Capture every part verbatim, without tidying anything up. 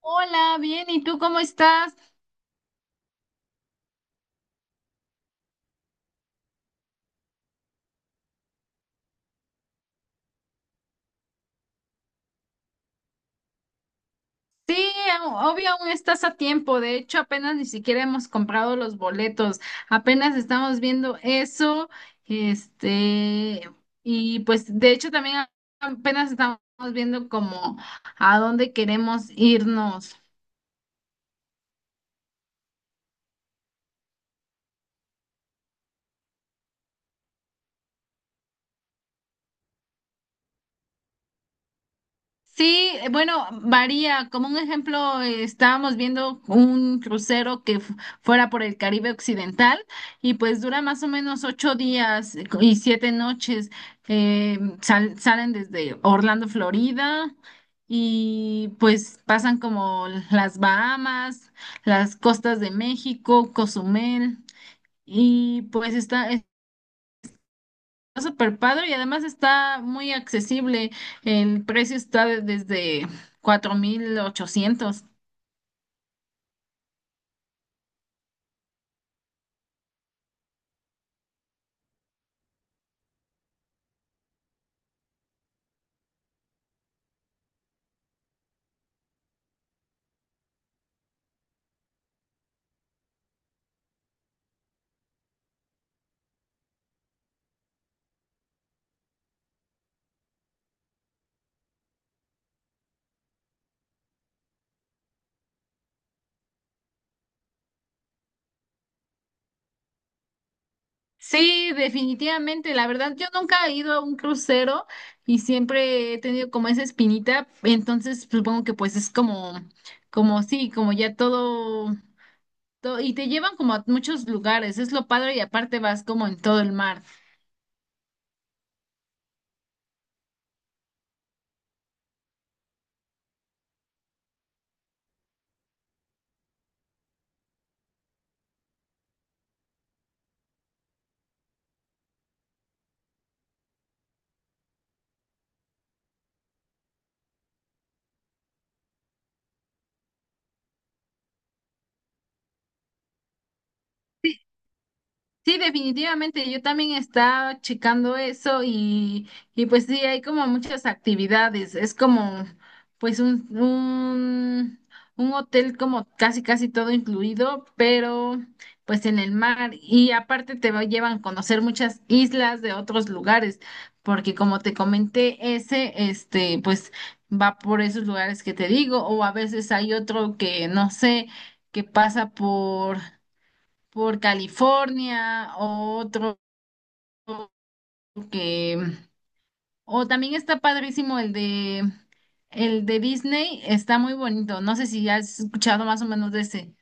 Hola, bien, ¿y tú cómo estás? Sí, au- obvio, aún estás a tiempo. De hecho, apenas ni siquiera hemos comprado los boletos. Apenas estamos viendo eso. Este, y pues de hecho también a- apenas estamos viendo como a dónde queremos irnos. Sí, eh, bueno, varía. Como un ejemplo, eh, estábamos viendo un crucero que fu- fuera por el Caribe Occidental y pues dura más o menos ocho días eh, co- y siete noches. Eh, sal- salen desde Orlando, Florida y pues pasan como las Bahamas, las costas de México, Cozumel y pues está... está súper padre y además está muy accesible. El precio está de- desde cuatro mil ochocientos. Sí, definitivamente. La verdad, yo nunca he ido a un crucero y siempre he tenido como esa espinita. Entonces, supongo que pues es como, como sí, como ya todo, todo, y te llevan como a muchos lugares. Es lo padre y aparte vas como en todo el mar. Sí, definitivamente, yo también estaba checando eso y, y pues sí, hay como muchas actividades, es como pues un, un, un hotel como casi casi todo incluido, pero pues en el mar y aparte te va- llevan a conocer muchas islas de otros lugares, porque como te comenté, ese este pues va por esos lugares que te digo o a veces hay otro que no sé, que pasa por por California, otro que, o también está padrísimo el de, el de Disney, está muy bonito, no sé si has escuchado más o menos de ese.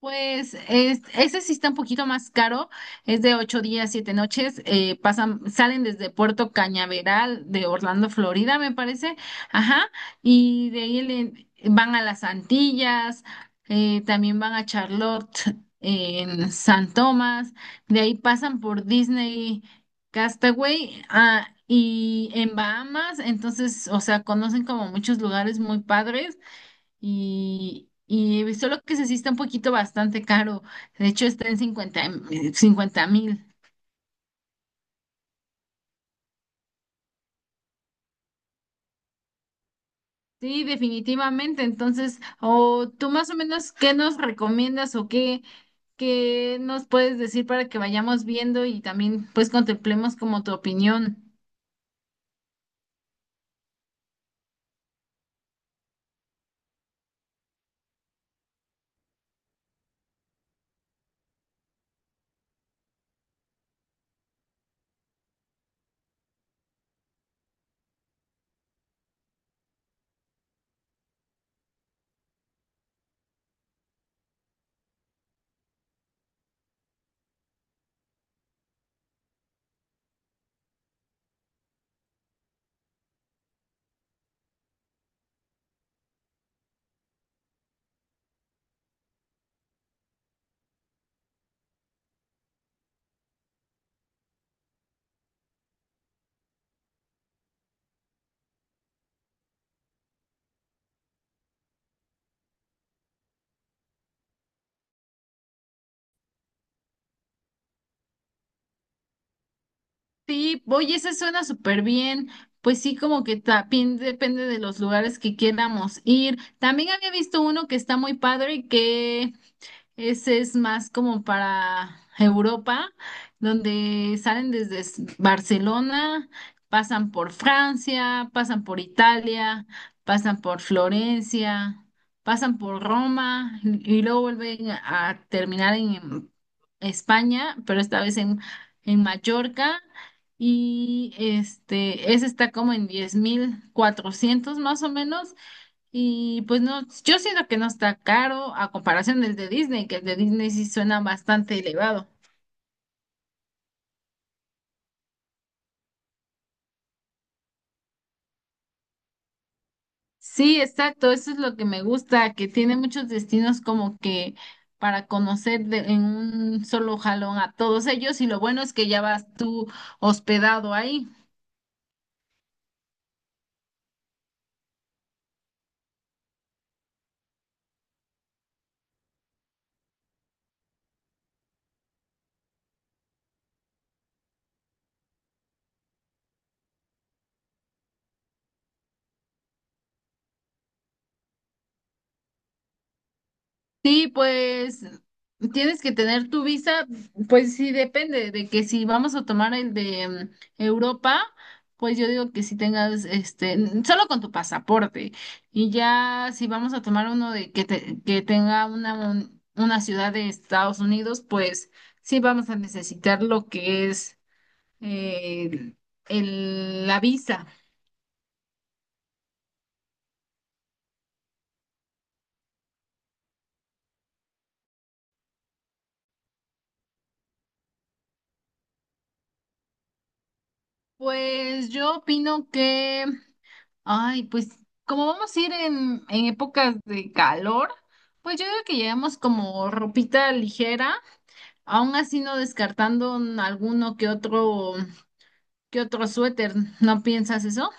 Pues es- ese sí está un poquito más caro, es de ocho días, siete noches, eh, pasan, salen desde Puerto Cañaveral de Orlando, Florida, me parece, ajá, y de ahí le- van a las Antillas, eh, también van a Charlotte, en San Tomás, de ahí pasan por Disney Castaway, ah, y en Bahamas, entonces, o sea, conocen como muchos lugares muy padres. Y, y solo que se sí está un poquito bastante caro. De hecho, está en cincuenta mil. Sí, definitivamente. Entonces, o tú más o menos, ¿qué nos recomiendas o qué, qué nos puedes decir para que vayamos viendo y también pues contemplemos como tu opinión? Sí, oye, esa suena súper bien. Pues sí, como que también depende de los lugares que queramos ir. También había visto uno que está muy padre. Que Ese es más como para Europa, donde salen desde S- Barcelona, pasan por Francia, pasan por Italia, pasan por Florencia, pasan por Roma y y luego vuelven a terminar en España, pero esta vez en, en Mallorca. Y este, ese está como en diez mil cuatrocientos más o menos. Y pues no, yo siento que no está caro a comparación del de Disney, que el de Disney sí suena bastante elevado. Sí, exacto, eso es lo que me gusta, que tiene muchos destinos como que para conocer de- en un solo jalón a todos ellos y lo bueno es que ya vas tú hospedado ahí. Sí, pues tienes que tener tu visa, pues sí depende de que si vamos a tomar el de mm, Europa, pues yo digo que si tengas este, n- solo con tu pasaporte y ya si vamos a tomar uno de que te- que tenga una un- una ciudad de Estados Unidos, pues sí vamos a necesitar lo que es eh, el, la visa. Pues yo opino que Ay, pues como vamos a ir en, en épocas de calor, pues yo creo que llevemos como ropita ligera, aún así no descartando un- alguno que otro, que otro suéter, ¿no piensas eso?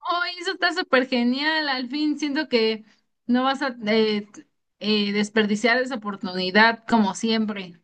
Ay, eso está súper genial, al fin siento que no vas a eh, eh, desperdiciar esa oportunidad como siempre.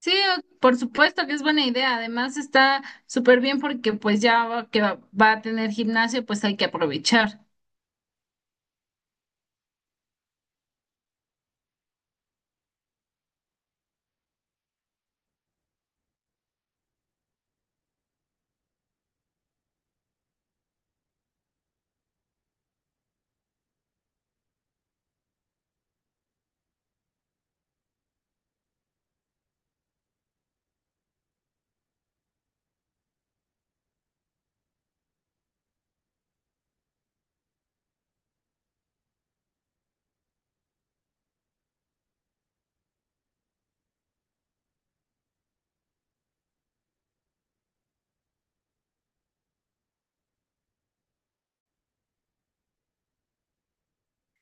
Sí, por supuesto que es buena idea, además está súper bien porque pues ya va- que va va a tener gimnasio, pues hay que aprovechar.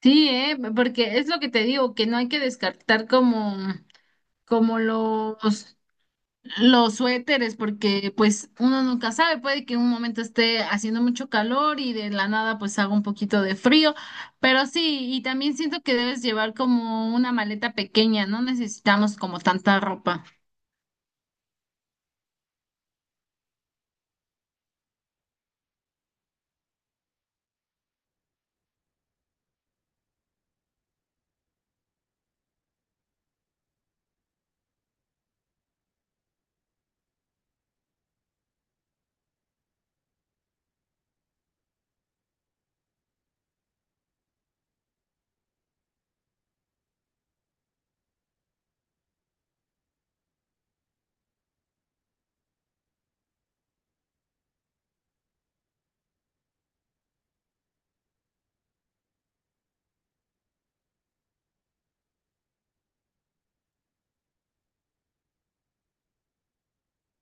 Sí, eh, porque es lo que te digo, que no hay que descartar como, como los, los suéteres, porque pues uno nunca sabe, puede que en un momento esté haciendo mucho calor y de la nada pues haga un poquito de frío, pero sí, y también siento que debes llevar como una maleta pequeña, no necesitamos como tanta ropa.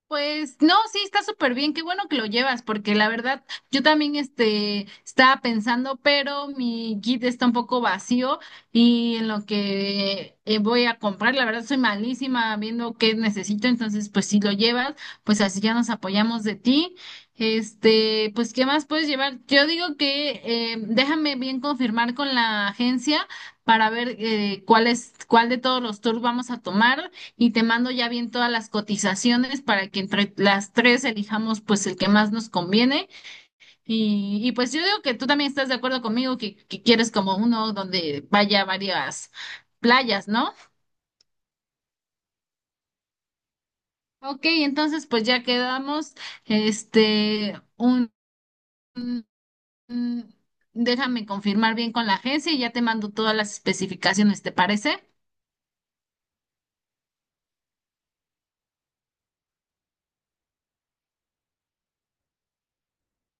Pues no, sí, está súper bien, qué bueno que lo llevas, porque la verdad yo también este, estaba pensando, pero mi kit está un poco vacío y en lo que eh, voy a comprar, la verdad soy malísima viendo qué necesito, entonces pues si lo llevas, pues así ya nos apoyamos de ti. Este, pues ¿qué más puedes llevar? Yo digo que eh, déjame bien confirmar con la agencia para ver eh, cuál es, cuál de todos los tours vamos a tomar y te mando ya bien todas las cotizaciones para que entre las tres elijamos pues el que más nos conviene. Y, y pues yo digo que tú también estás de acuerdo conmigo que, que quieres como uno donde vaya varias playas, ¿no? Ok, entonces pues ya quedamos, este, un, un- déjame confirmar bien con la agencia y ya te mando todas las especificaciones, ¿te parece?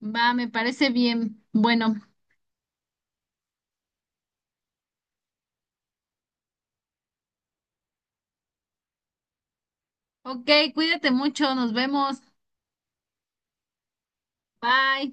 Va, me parece bien. Bueno, ok, cuídate mucho, nos vemos. Bye.